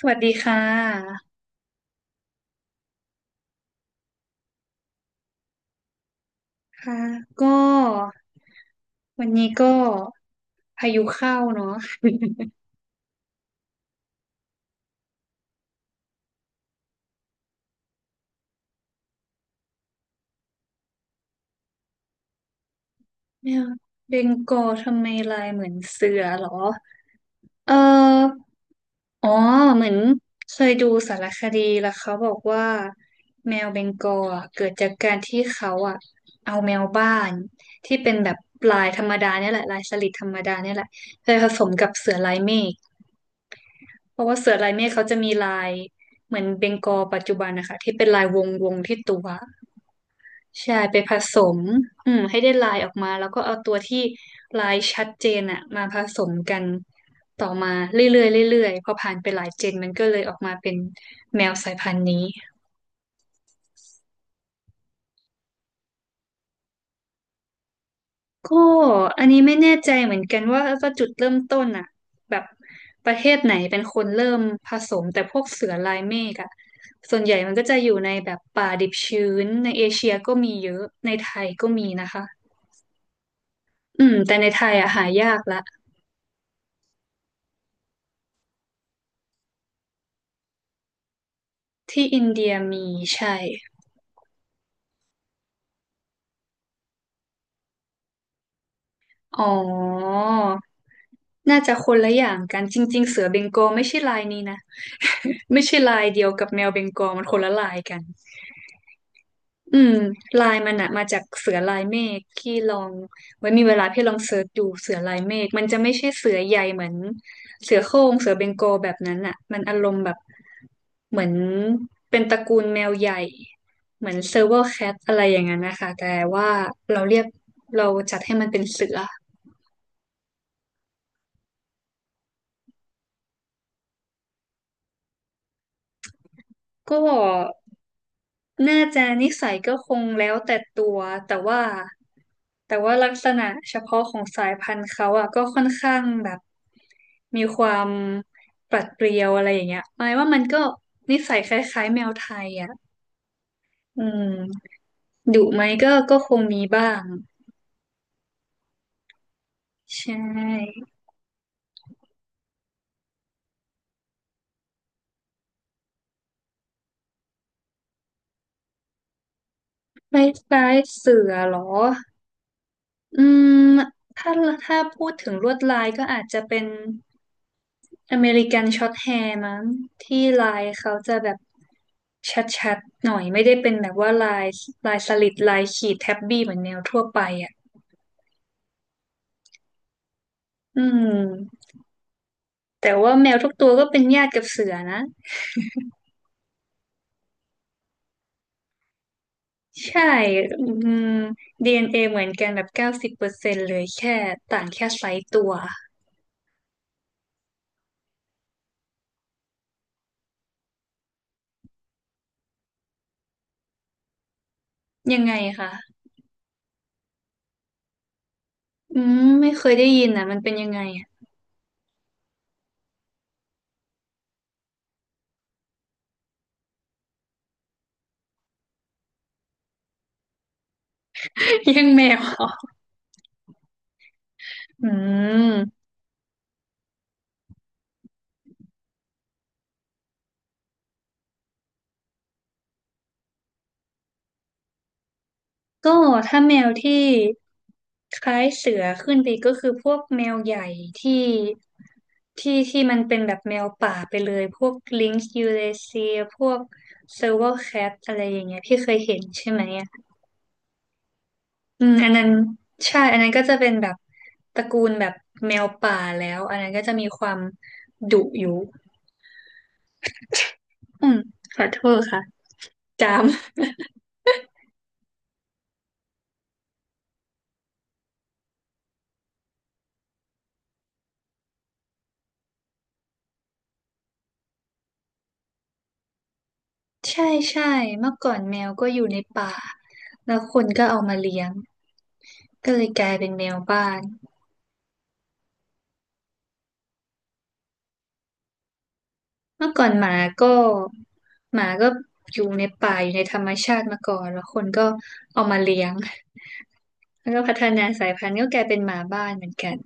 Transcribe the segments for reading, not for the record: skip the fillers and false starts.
สวัสดีค่ะค่ะก็วันนี้ก็พายุเข้าเนาะเนี่ยเบงกอลทำไมลายเหมือนเสือเหรอเอออ๋อเหมือนเคยดูสารคดีแล้วเขาบอกว่าแมวเบงกอลอะเกิดจากการที่เขาอะเอาแมวบ้านที่เป็นแบบลายธรรมดาเนี่ยแหละลายสลิดธรรมดาเนี่ยแหละไปผสมกับเสือลายเมฆ เพราะว่าเสือลายเมฆเขาจะมีลายเหมือนเบงกอลปัจจุบันนะคะที่เป็นลายวงวงที่ตัวใช่ไปผสมอืมให้ได้ลายออกมาแล้วก็เอาตัวที่ลายชัดเจนอะมาผสมกันต่อมาเรื่อยๆเรื่อยๆพอผ่านไปหลายเจนมันก็เลยออกมาเป็นแมวสายพันธุ์นี้ ก็อันนี้ไม่แน่ใจเหมือนกันว่าว่าจุดเริ่มต้นอะแบบประเทศไหนเป็นคนเริ่มผสมแต่พวกเสือลายเมฆอะส่วนใหญ่มันก็จะอยู่ในแบบป่าดิบชื้นในเอเชียก็มีเยอะในไทยก็มีนะคะอืมแต่ในไทยอะหายากละที่อินเดียมีใช่อ๋อ น่าจะคนละอย่างกันจริงๆเสือเบงกอลไม่ใช่ลายนี้นะ ไม่ใช่ลายเดียวกับแมวเบงกอลมันคนละลายกัน อืมลายมันอะมาจากเสือลายเมฆพี่ลองไว้มีเวลาพี่ลองเสิร์ชดูเสือลายเมฆมันจะไม่ใช่เสือใหญ่เหมือนเสือโคร่งเสือเบงกอลแบบนั้นอะมันอารมณ์แบบเหมือนเป็นตระกูลแมวใหญ่เหมือนเซอร์เวอร์แคทอะไรอย่างนั้นนะคะแต่ว่าเราเรียกเราจัดให้มันเป็นเสือก็ น่าจะนิสัยก็คงแล้วแต่ตัวแต่ว่าแต่ว่าลักษณะเฉพาะของสายพันธุ์เขาอ่ะก็ค่อนข้างแบบมีความปรัดเปรียวอะไรอย่างเงี้ยหมายว่ามันก็นิสัยคล้ายๆแมวไทยอ่ะอืมดุไหมก็คงมีบ้างใช่คล้ายๆเสือเหรออืมถ้าถ้าพูดถึงลวดลายก็อาจจะเป็น อเมริกันช็อตแฮร์มั้งที่ลายเขาจะแบบชัดๆหน่อยไม่ได้เป็นแบบว่าลายลายสลิดลายขีดแท็บบี้เหมือนแมวทั่วไปอ่ะอืมแต่ว่าแมวทุกตัวก็เป็นญาติกับเสือนะใช่อืม DNA เอ็นเอเหมือนกันแบบ90%เลยแค่ต่างแค่ไซส์ตัวยังไงคะอืมไม่เคยได้ยินอ่ะมันเป็นยังไงอะ ยังแมวเหรออืมก็ถ้าแมวที่ คล้ายเสือขึ้นไปก็คือพวกแมวใหญ่ที่ที่มันเป็นแบบแมวป่าไปเลยพวกลิงซ์ยูเรเซียพวกเซอร์ว c แคทอะไรอย่างเงี้ยพี่เคยเห็นใช่ไหมอะอืมอันนั้นใช่อันนั้นก็จะเป็นแบบตระกูลแบบแมวป่าแล้วอันนั้นก็จะมีความดุอยู่อืมขอโทษค่ะจาม ใช่ใช่เมื่อก่อนแมวก็อยู่ในป่าแล้วคนก็เอามาเลี้ยงก็เลยกลายเป็นแมวบ้าน เมื่อก่อนหมาก็หมาก็อยู่ในป่าอยู่ในธรรมชาติมาก่อนแล้วคนก็เอามาเลี้ยงแล้วก็พัฒนาสายพันธุ์ก็กลายเป็นหมาบ้านเหมือนกัน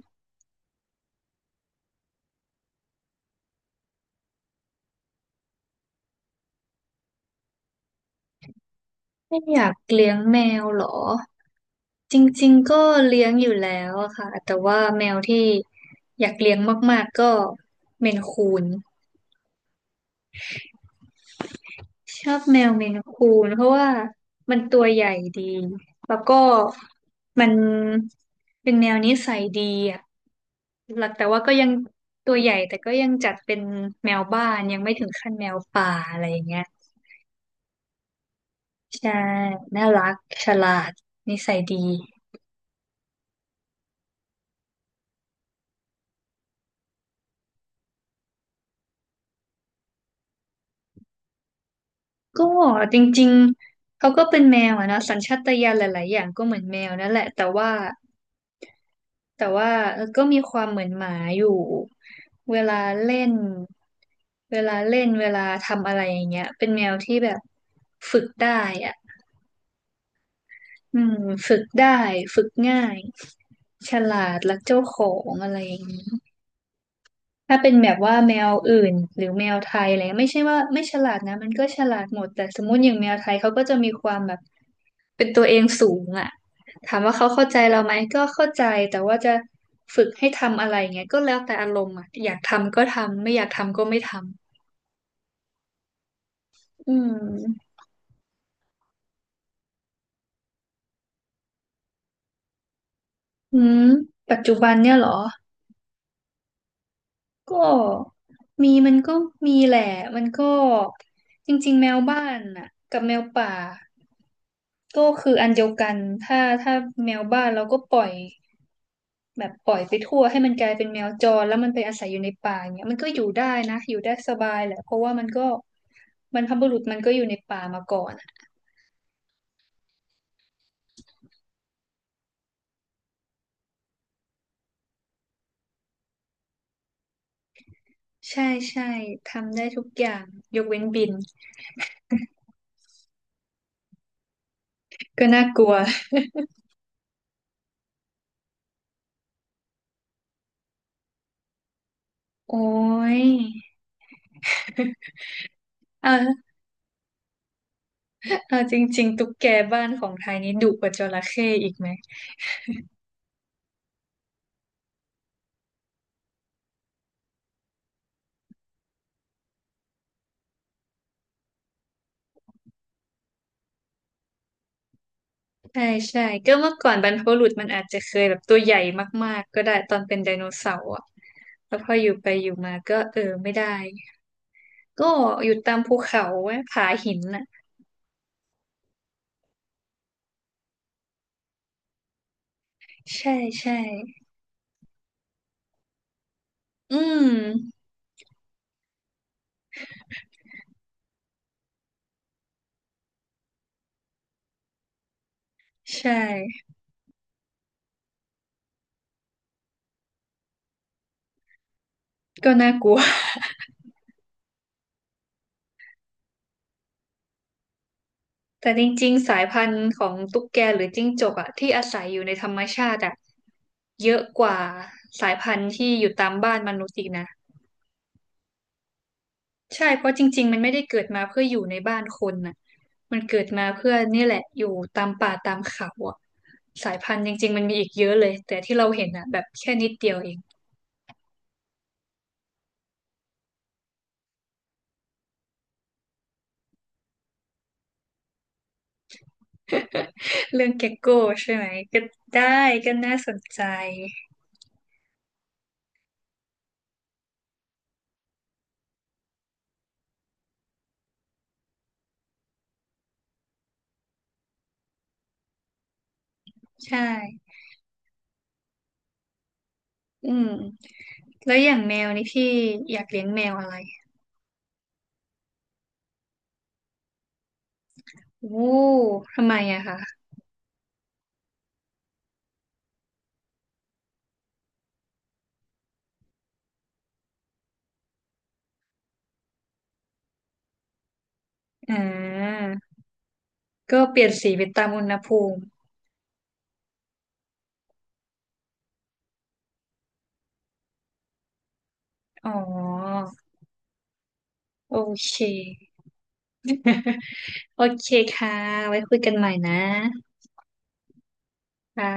ไม่อยากเลี้ยงแมวเหรอจริงๆก็เลี้ยงอยู่แล้วอะค่ะแต่ว่าแมวที่อยากเลี้ยงมากๆก็เมนคูนชอบแมวเมนคูนเพราะว่ามันตัวใหญ่ดีแล้วก็มันเป็นแมวนิสัยดี หลักแต่ว่าก็ยังตัวใหญ่แต่ก็ยังจัดเป็นแมวบ้านยังไม่ถึงขั้นแมวป่าอะไรอย่างเงี้ยใช่น่ารักฉลาดนิสัยดีก็จริงๆเขาก็เป็นแมวอะเนาะสัญชาตญาณหลายๆอย่างก็เหมือนแมวนั่นแหละแต่ว่าเออก็มีความเหมือนหมาอยู่เวลาเล่นเวลาทำอะไรอย่างเงี้ยเป็นแมวที่แบบฝึกได้อะ อืมฝึกได้ฝึกง่ายฉลาดรักเจ้าของอะไรอย่างนี้ถ้าเป็นแบบว่าแมวอื่นหรือแมวไทยอะไรเงี้ยไม่ใช่ว่าไม่ฉลาดนะมันก็ฉลาดหมดแต่สมมติอย่างแมวไทยเขาก็จะมีความแบบเป็นตัวเองสูงอ่ะถามว่าเขาเข้าใจเราไหมก็เข้าใจแต่ว่าจะฝึกให้ทำอะไรเงี้ยก็แล้วแต่อารมณ์อ่ะอยากทำก็ทำไม่อยากทำก็ไม่ทำอืมอืมปัจจุบันเนี่ยเหรอ ก็มีมันก็มีแหละมันก็จริงๆแมวบ้านน่ะกับแมวป่าก็คืออันเดียวกันถ้าแมวบ้านเราก็ปล่อยแบบปล่อยไปทั่วให้มันกลายเป็นแมวจรแล้วมันไปอาศัยอยู่ในป่าอย่างเงี้ยมันก็อยู่ได้นะอยู่ได้สบายแหละเพราะว่ามันก็บรรพบุรุษมันก็อยู่ในป่ามาก่อนอะใช่ใช่ทำได้ทุกอย่างยกเว้นบินก็น่ากลัวโอ้ยเออเออจริงๆตุ๊กแกบ้านของไทยนี้ดุกว่าจระเข้อีกไหม ใช่ใช่ก็เมื่อก่อนบรรพบุรุษมันอาจจะเคยแบบตัวใหญ่มากๆก็ได้ตอนเป็นไดโนเสาร์อะแล้วพออยู่ไปอยู่มาก็เออไม่ได้ก็อยู่ตามภูเขาไว้ผาหินน่ะใช่ใช่อืมใช่ก็น่ากลัวแต่จริงๆสายพันธุ์ของตุ๊กแกหรือจิ้งจกอะที่อาศัยอยู่ในธรรมชาติอะเยอะกว่าสายพันธุ์ที่อยู่ตามบ้านมนุษย์อีกนะ ใช่ เพราะจริงๆมันไม่ได้เกิดมาเพื่ออยู่ในบ้านคนน่ะมันเกิดมาเพื่อนี่แหละอยู่ตามป่าตามเขาอ่ะสายพันธุ์จริงๆมันมีอีกเยอะเลย แต่ที่เราเห็นอ่ะแบบแค่นิดเดียวเอง เรื่องเก็กโก้ใช่ไหมก็ได้ก็น่าสนใจ ใช่อืมแล้วอย่างแมวนี่พี่อยากเลี้ยงแมวอะไร โอ้ทำไมอะคะอ่าก็เปลี่ยนสีไปตามอุณหภูมิอ๋อโอเคโอเคค่ะไว้คุยกันใหม่นะค่ะ